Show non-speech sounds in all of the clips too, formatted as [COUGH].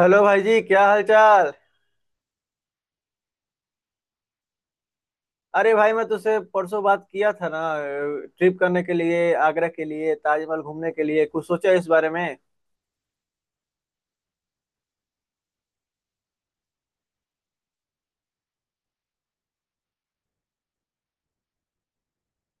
Hello भाई जी, क्या हाल चाल। अरे भाई, मैं तुझसे परसों बात किया था ना, ट्रिप करने के लिए, आगरा के लिए, ताजमहल घूमने के लिए। कुछ सोचा इस बारे में?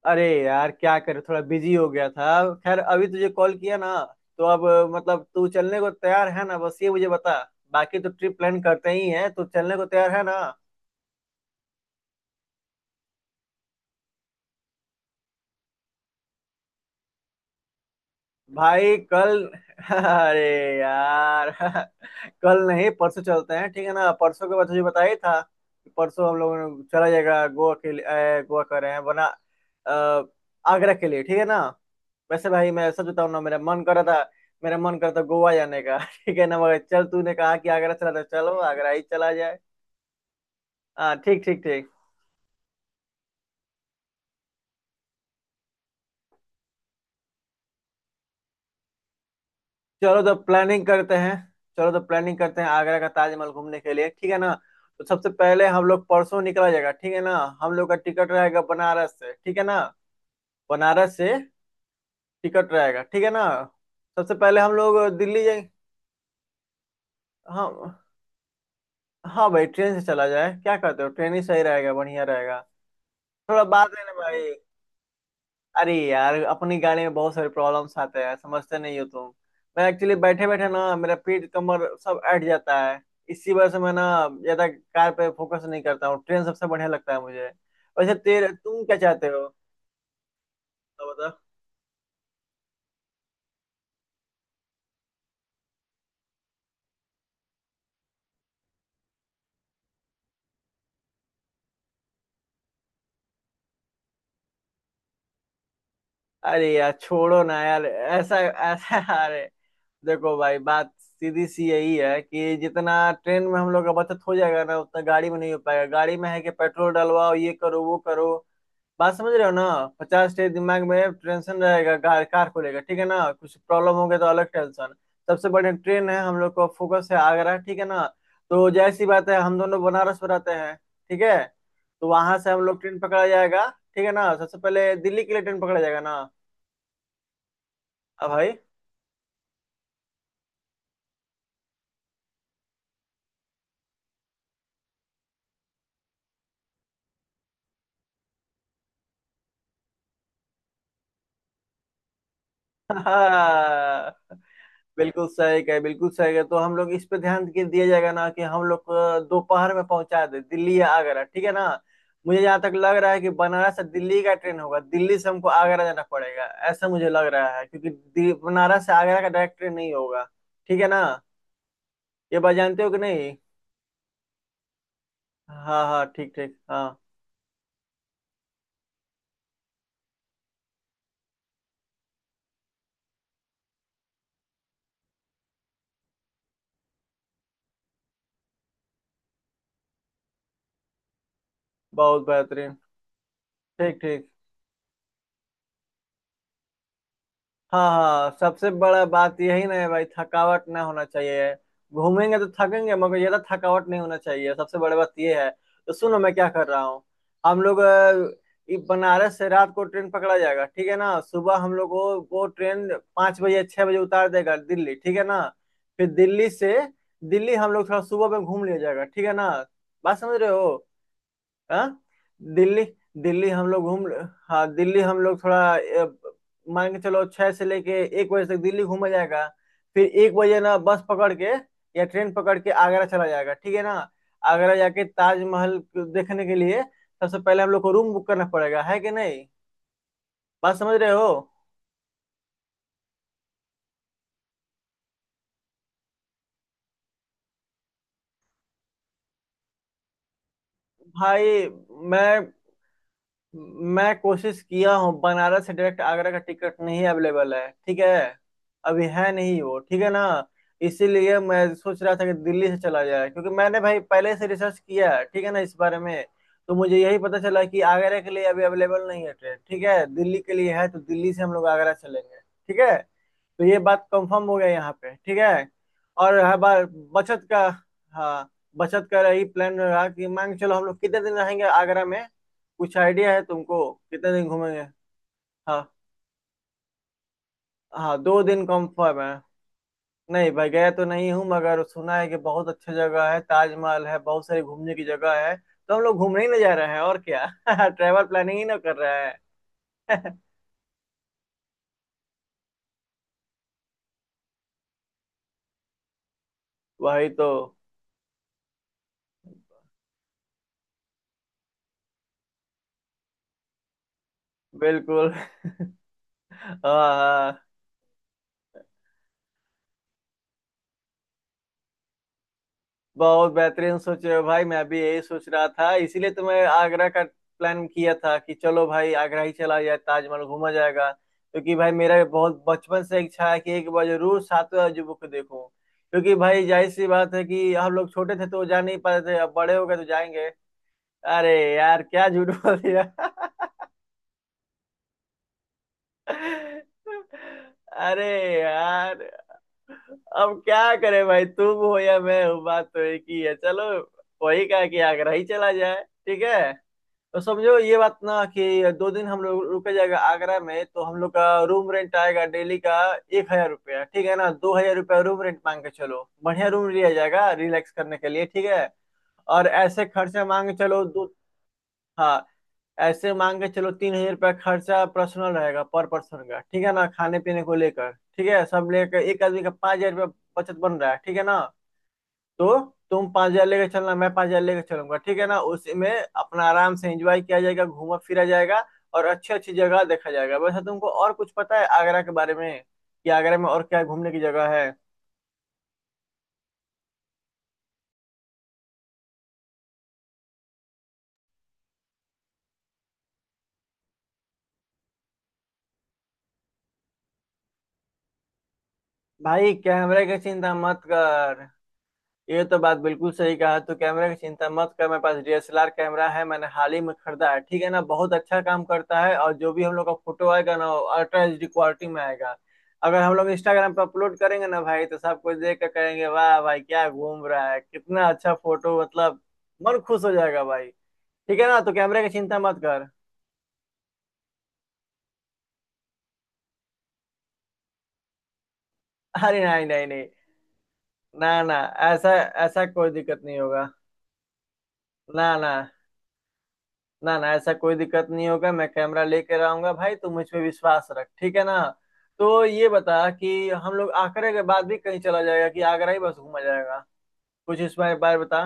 अरे यार, क्या करे, थोड़ा बिजी हो गया था। खैर अभी तुझे कॉल किया ना, तो अब, मतलब तू चलने को तैयार है ना, बस ये मुझे बता। बाकी तो ट्रिप प्लान करते ही है, तू चलने को तैयार है ना? भाई कल [LAUGHS] अरे यार [LAUGHS] कल नहीं परसों चलते हैं, ठीक है ना। परसों के बाद तुझे बताया ही था कि परसों हम लोगों ने चला जाएगा। गोवा के लिए गोवा कर रहे हैं, वरना अ, आगरा के लिए, ठीक है ना। वैसे भाई मैं सच बताऊं ना, मेरा मन कर रहा था, मेरा मन कर रहा था गोवा जाने का [LAUGHS] ठीक है ना, मगर चल तूने कहा कि आगरा चला था, चलो आगरा ही चला जाए। हाँ ठीक ठीक ठीक। चलो तो प्लानिंग करते हैं। चलो तो प्लानिंग करते हैं आगरा का, ताजमहल घूमने के लिए, ठीक है ना। तो सबसे पहले हम लोग परसों निकला जाएगा, ठीक है ना। हम लोग का टिकट रहेगा बनारस से, ठीक है ना। बनारस से टिकट रहेगा, ठीक है ना। सबसे पहले हम लोग दिल्ली जाएंगे। हाँ। हाँ भाई, ट्रेन से चला जाए, क्या कहते हो? ट्रेन ही सही रहेगा, बढ़िया रहेगा। थोड़ा बात है ना भाई। अरे यार अपनी गाड़ी में बहुत सारे प्रॉब्लम्स आते हैं, समझते नहीं हो तुम। मैं एक्चुअली बैठे बैठे ना मेरा पीठ कमर सब अट जाता है। इसी वजह से मैं ना ज्यादा कार पे फोकस नहीं करता हूँ, ट्रेन सबसे बढ़िया लगता है मुझे। वैसे तेरे तुम क्या चाहते हो? तो बताओ। अरे यार छोड़ो ना यार, ऐसा ऐसा [LAUGHS] अरे देखो भाई, बात सीधी सी यही है कि जितना ट्रेन में हम लोग का बचत हो जाएगा ना, उतना गाड़ी में नहीं हो पाएगा। गाड़ी में है कि पेट्रोल डलवाओ, ये करो, वो करो, बात समझ रहे हो ना। 50 टे दिमाग में टेंशन रहेगा कार कार को लेकर, ठीक है ना। कुछ प्रॉब्लम हो गया तो अलग टेंशन। सबसे बड़ी ट्रेन है, हम लोग को फोकस है आगरा, ठीक है ना। तो जैसी बात है, हम दोनों बनारस में रहते हैं, ठीक है। तो वहां से हम लोग ट्रेन पकड़ा जाएगा, ठीक है ना, सबसे पहले दिल्ली के लिए ट्रेन पकड़ा जाएगा ना। अब भाई [LAUGHS] बिल्कुल सही कहे, बिल्कुल सही कहे। तो हम लोग इस पे ध्यान के दिया जाएगा ना कि हम लोग को दोपहर में पहुंचा दे दिल्ली या आगरा, ठीक है ना। मुझे जहाँ तक लग रहा है कि बनारस से दिल्ली का ट्रेन होगा, दिल्ली से हमको आगरा जाना पड़ेगा, ऐसा मुझे लग रहा है, क्योंकि बनारस से आगरा का डायरेक्ट ट्रेन नहीं होगा, ठीक है ना। ये बात जानते हो कि नहीं? हाँ हाँ ठीक ठीक हाँ। बहुत बेहतरीन, ठीक ठीक। हाँ हाँ, सबसे बड़ा बात यही ना है भाई, थकावट ना होना चाहिए। घूमेंगे तो थकेंगे, मगर ज्यादा थकावट नहीं होना चाहिए, सबसे बड़ी बात ये है। तो सुनो मैं क्या कर रहा हूँ। हम लोग बनारस से रात को ट्रेन पकड़ा जाएगा, ठीक है ना। सुबह हम लोग को वो ट्रेन 5 बजे 6 बजे उतार देगा दिल्ली, ठीक है ना। फिर दिल्ली से, दिल्ली हम लोग थोड़ा सुबह में घूम लिया जाएगा, ठीक है ना। बात समझ रहे हो? हाँ। दिल्ली दिल्ली हम लोग घूम हाँ, दिल्ली हम लोग थोड़ा मान के चलो 6 से लेके 1 बजे तक दिल्ली घूमा जाएगा। फिर 1 बजे ना बस पकड़ के या ट्रेन पकड़ के आगरा चला जाएगा, ठीक है ना। आगरा जाके ताजमहल देखने के लिए सबसे पहले हम लोग को रूम बुक करना पड़ेगा, है कि नहीं? बात समझ रहे हो? भाई मैं मैं कोशिश किया हूँ, बनारस से डायरेक्ट आगरा का टिकट नहीं अवेलेबल है, ठीक है। अभी है नहीं वो, ठीक है ना। इसीलिए मैं सोच रहा था कि दिल्ली से चला जाए, क्योंकि मैंने भाई पहले से रिसर्च किया है, ठीक है ना, इस बारे में। तो मुझे यही पता चला कि आगरा के लिए अभी अवेलेबल नहीं है ट्रेन, ठीक है। दिल्ली के लिए है, तो दिल्ली से हम लोग आगरा चलेंगे, ठीक है। तो ये बात कंफर्म हो गया यहाँ पे, ठीक है। और हर बार बचत का, हाँ, बचत का यही प्लान रहा कि मान के चलो हम लोग कितने दिन रहेंगे आगरा में। कुछ आइडिया है तुमको, कितने दिन घूमेंगे? हाँ। हाँ 2 दिन कंफर्म है। नहीं भाई गया तो नहीं हूँ, मगर सुना है कि बहुत अच्छी जगह है, ताजमहल है, बहुत सारी घूमने की जगह है, तो हम लोग घूमने ही ना जा रहे हैं और क्या [LAUGHS] ट्रैवल प्लानिंग ही ना कर रहे हैं [LAUGHS] वही तो। बिल्कुल [LAUGHS] हाँ हाँ, बहुत बेहतरीन सोचे हो भाई, मैं भी यही सोच रहा था, इसीलिए तो मैं आगरा का प्लान किया था कि चलो भाई आगरा ही चला जाए, ताजमहल घूमा जाएगा। क्योंकि भाई मेरा बहुत बचपन से इच्छा है कि एक बार जरूर सातवें अजूबे को देखूं। क्योंकि भाई जाहिर सी बात है कि हम लोग छोटे थे तो जा नहीं पाते थे, अब बड़े हो गए तो जाएंगे। अरे यार, क्या झूठ बोल दिया? [LAUGHS] अरे यार, अब क्या करे भाई, तुम हो या मैं हूँ, बात तो एक ही है। चलो वही कहा कि आगरा ही चला जाए, ठीक है। तो समझो ये बात ना कि 2 दिन हम लोग रुके जाएगा आगरा में, तो हम लोग का रूम रेंट आएगा डेली का 1,000 रुपया, ठीक है ना। 2,000 रुपया रूम रेंट, मांग के चलो बढ़िया रूम लिया जाएगा रिलैक्स करने के लिए, ठीक है। और ऐसे खर्चा, मांग के चलो दो, हाँ, ऐसे मान के चलो 3,000 रुपया खर्चा पर्सनल रहेगा पर पर्सन का, ठीक है ना। खाने पीने को लेकर, ठीक है, सब लेकर एक आदमी का 5,000 रुपया बचत बन रहा है, ठीक है ना। तो तुम 5,000 लेकर चलना, मैं 5,000 लेकर चलूंगा, ठीक है ना। उसी में अपना आराम से एंजॉय किया जाएगा, घूमा फिरा जाएगा, और अच्छी अच्छी जगह देखा जाएगा। वैसे तुमको और कुछ पता है आगरा के बारे में कि आगरा में और क्या घूमने की जगह है? भाई कैमरे की चिंता मत कर। ये तो बात बिल्कुल सही कहा, तू कैमरे की चिंता मत कर, मेरे पास डीएसएलआर कैमरा है, मैंने हाल ही में खरीदा है, ठीक है ना, बहुत अच्छा काम करता है, और जो भी हम लोग का फोटो आएगा ना, अल्ट्रा HD क्वालिटी में आएगा। अगर हम लोग इंस्टाग्राम पर अपलोड करेंगे ना भाई, तो सब कुछ देख कर करेंगे, वाह भाई क्या घूम रहा है, कितना अच्छा फोटो, मतलब मन खुश हो जाएगा भाई, ठीक है ना, तो कैमरे की चिंता मत कर। अरे नहीं नहीं नहीं। ना ना। ऐसा, ऐसा कोई दिक्कत नहीं होगा। ना ना, ना ना, ऐसा कोई दिक्कत नहीं होगा, मैं कैमरा लेकर आऊंगा भाई, तू मुझ पे विश्वास रख, ठीक है ना। तो ये बता कि हम लोग आगरा के बाद भी कहीं चला जाएगा कि आगरा ही बस घूमा जाएगा? कुछ इस बारे बारे बता।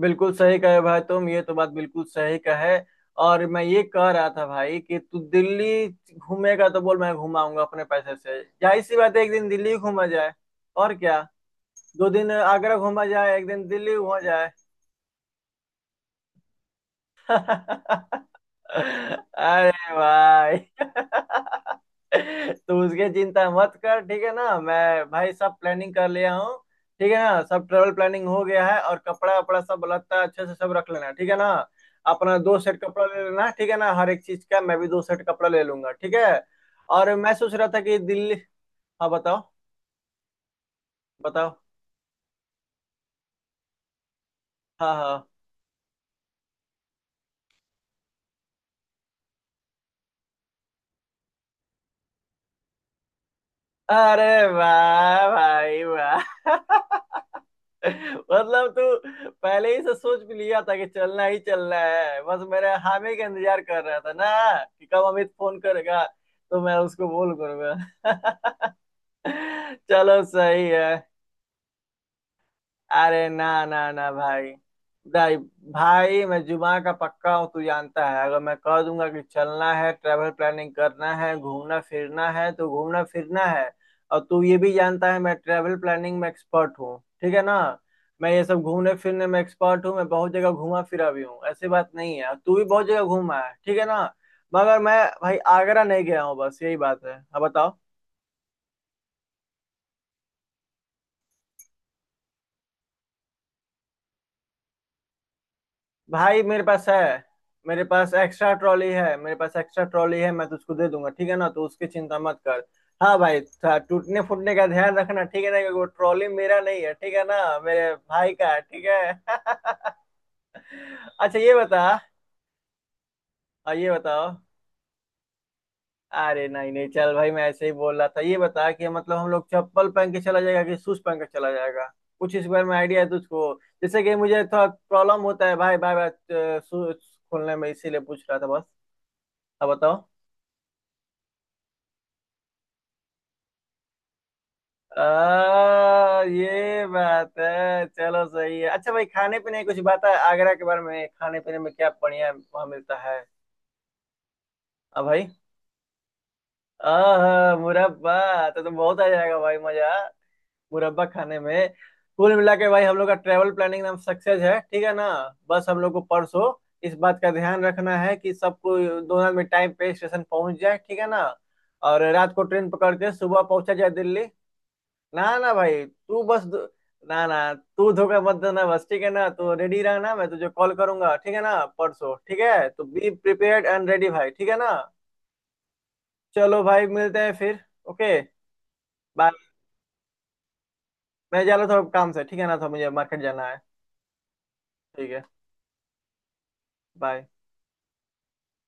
बिल्कुल सही कहे भाई तुम, ये तो बात बिल्कुल सही कहे। और मैं ये कह रहा था भाई कि तू दिल्ली घूमेगा तो बोल, मैं घुमाऊंगा अपने पैसे से, जाहिर सी बात है, एक दिन दिल्ली घूमा जाए, और क्या। 2 दिन आगरा घूमा जाए, एक दिन दिल्ली घूमा जाए [LAUGHS] अरे भाई [LAUGHS] तू उसकी चिंता मत कर, ठीक है ना। मैं भाई सब प्लानिंग कर लिया हूँ, ठीक है ना। सब ट्रेवल प्लानिंग हो गया है, और कपड़ा वपड़ा सब लगता अच्छे से सब रख लेना, ठीक है ना। अपना 2 सेट कपड़ा ले लेना, ठीक है ना, हर एक चीज का। मैं भी 2 सेट कपड़ा ले लूंगा, ठीक है। और मैं सोच रहा था कि दिल्ली। हाँ बताओ। बताओ। हाँ हाँ, अरे वाह भाई वाह [LAUGHS] [LAUGHS] मतलब तू पहले ही से सोच भी लिया था कि चलना ही चलना है, बस मेरे हामी का इंतजार कर रहा था ना, कि कब अमित फोन करेगा, तो मैं उसको बोल करूंगा। [LAUGHS] चलो सही है। अरे ना ना ना भाई। भाई, भाई मैं जुमा का पक्का हूँ, तू जानता है, अगर मैं कह दूंगा कि चलना है, ट्रैवल प्लानिंग करना है, घूमना फिरना है, तो घूमना फिरना है। और तू ये भी जानता है मैं ट्रैवल प्लानिंग में एक्सपर्ट हूँ, ठीक है ना। मैं ये सब घूमने फिरने में एक्सपर्ट हूँ, मैं बहुत जगह घूमा फिरा भी हूँ, ऐसी बात नहीं है, और तू भी बहुत जगह घूमा है, ठीक है ना। मगर मैं भाई आगरा नहीं गया हूँ, बस यही बात है, अब बताओ। भाई मेरे पास है। मेरे पास एक्स्ट्रा ट्रॉली है, मेरे पास एक्स्ट्रा ट्रॉली है, मैं तुझको दे दूंगा, ठीक है ना, तो उसकी चिंता मत कर। हाँ भाई, टूटने फूटने का ध्यान रखना, ठीक है ना, क्योंकि वो ट्रॉली मेरा नहीं है, ठीक है ना, मेरे भाई का है, ठीक है। [LAUGHS] अच्छा ये बता। और ये बताओ। अरे नहीं नहीं, चल भाई, मैं ऐसे ही बोल रहा था। ये बता कि मतलब हम लोग चप्पल पहन के चला जाएगा कि शूज पहन के चला जाएगा, कुछ इस बारे में आइडिया है तुझको? जैसे कि मुझे थोड़ा प्रॉब्लम होता है भाई, बाय बाय। शूज खोलने में, इसीलिए पूछ रहा था बस। अब बताओ। ये बात है, चलो सही है। अच्छा भाई, खाने पीने की कुछ बात है आगरा के बारे में? खाने पीने में क्या बढ़िया वहाँ मिलता है? हाँ भाई। आह, मुरब्बा तो बहुत आ जाएगा भाई मजा, मुरब्बा खाने में। कुल मिला के भाई, हम लोग का ट्रेवल प्लानिंग एकदम सक्सेस है, ठीक है ना। बस हम लोग को परसों इस बात का ध्यान रखना है कि सबको, दोनों में टाइम पे स्टेशन पहुंच जाए, ठीक है ना। और रात को ट्रेन पकड़ के सुबह पहुंचा जाए दिल्ली। ना ना भाई, तू बस ना ना, तू धोखा मत देना बस, ठीक है ना। तो रेडी रहना, मैं तुझे कॉल करूंगा, ठीक है ना, परसों, ठीक है। तो बी प्रिपेयर्ड एंड रेडी भाई, ठीक है ना। चलो भाई, मिलते हैं फिर। Okay, bye. मैं जा रहा था काम से, ठीक है ना, तो मुझे मार्केट जाना है। ठीक है, बाय।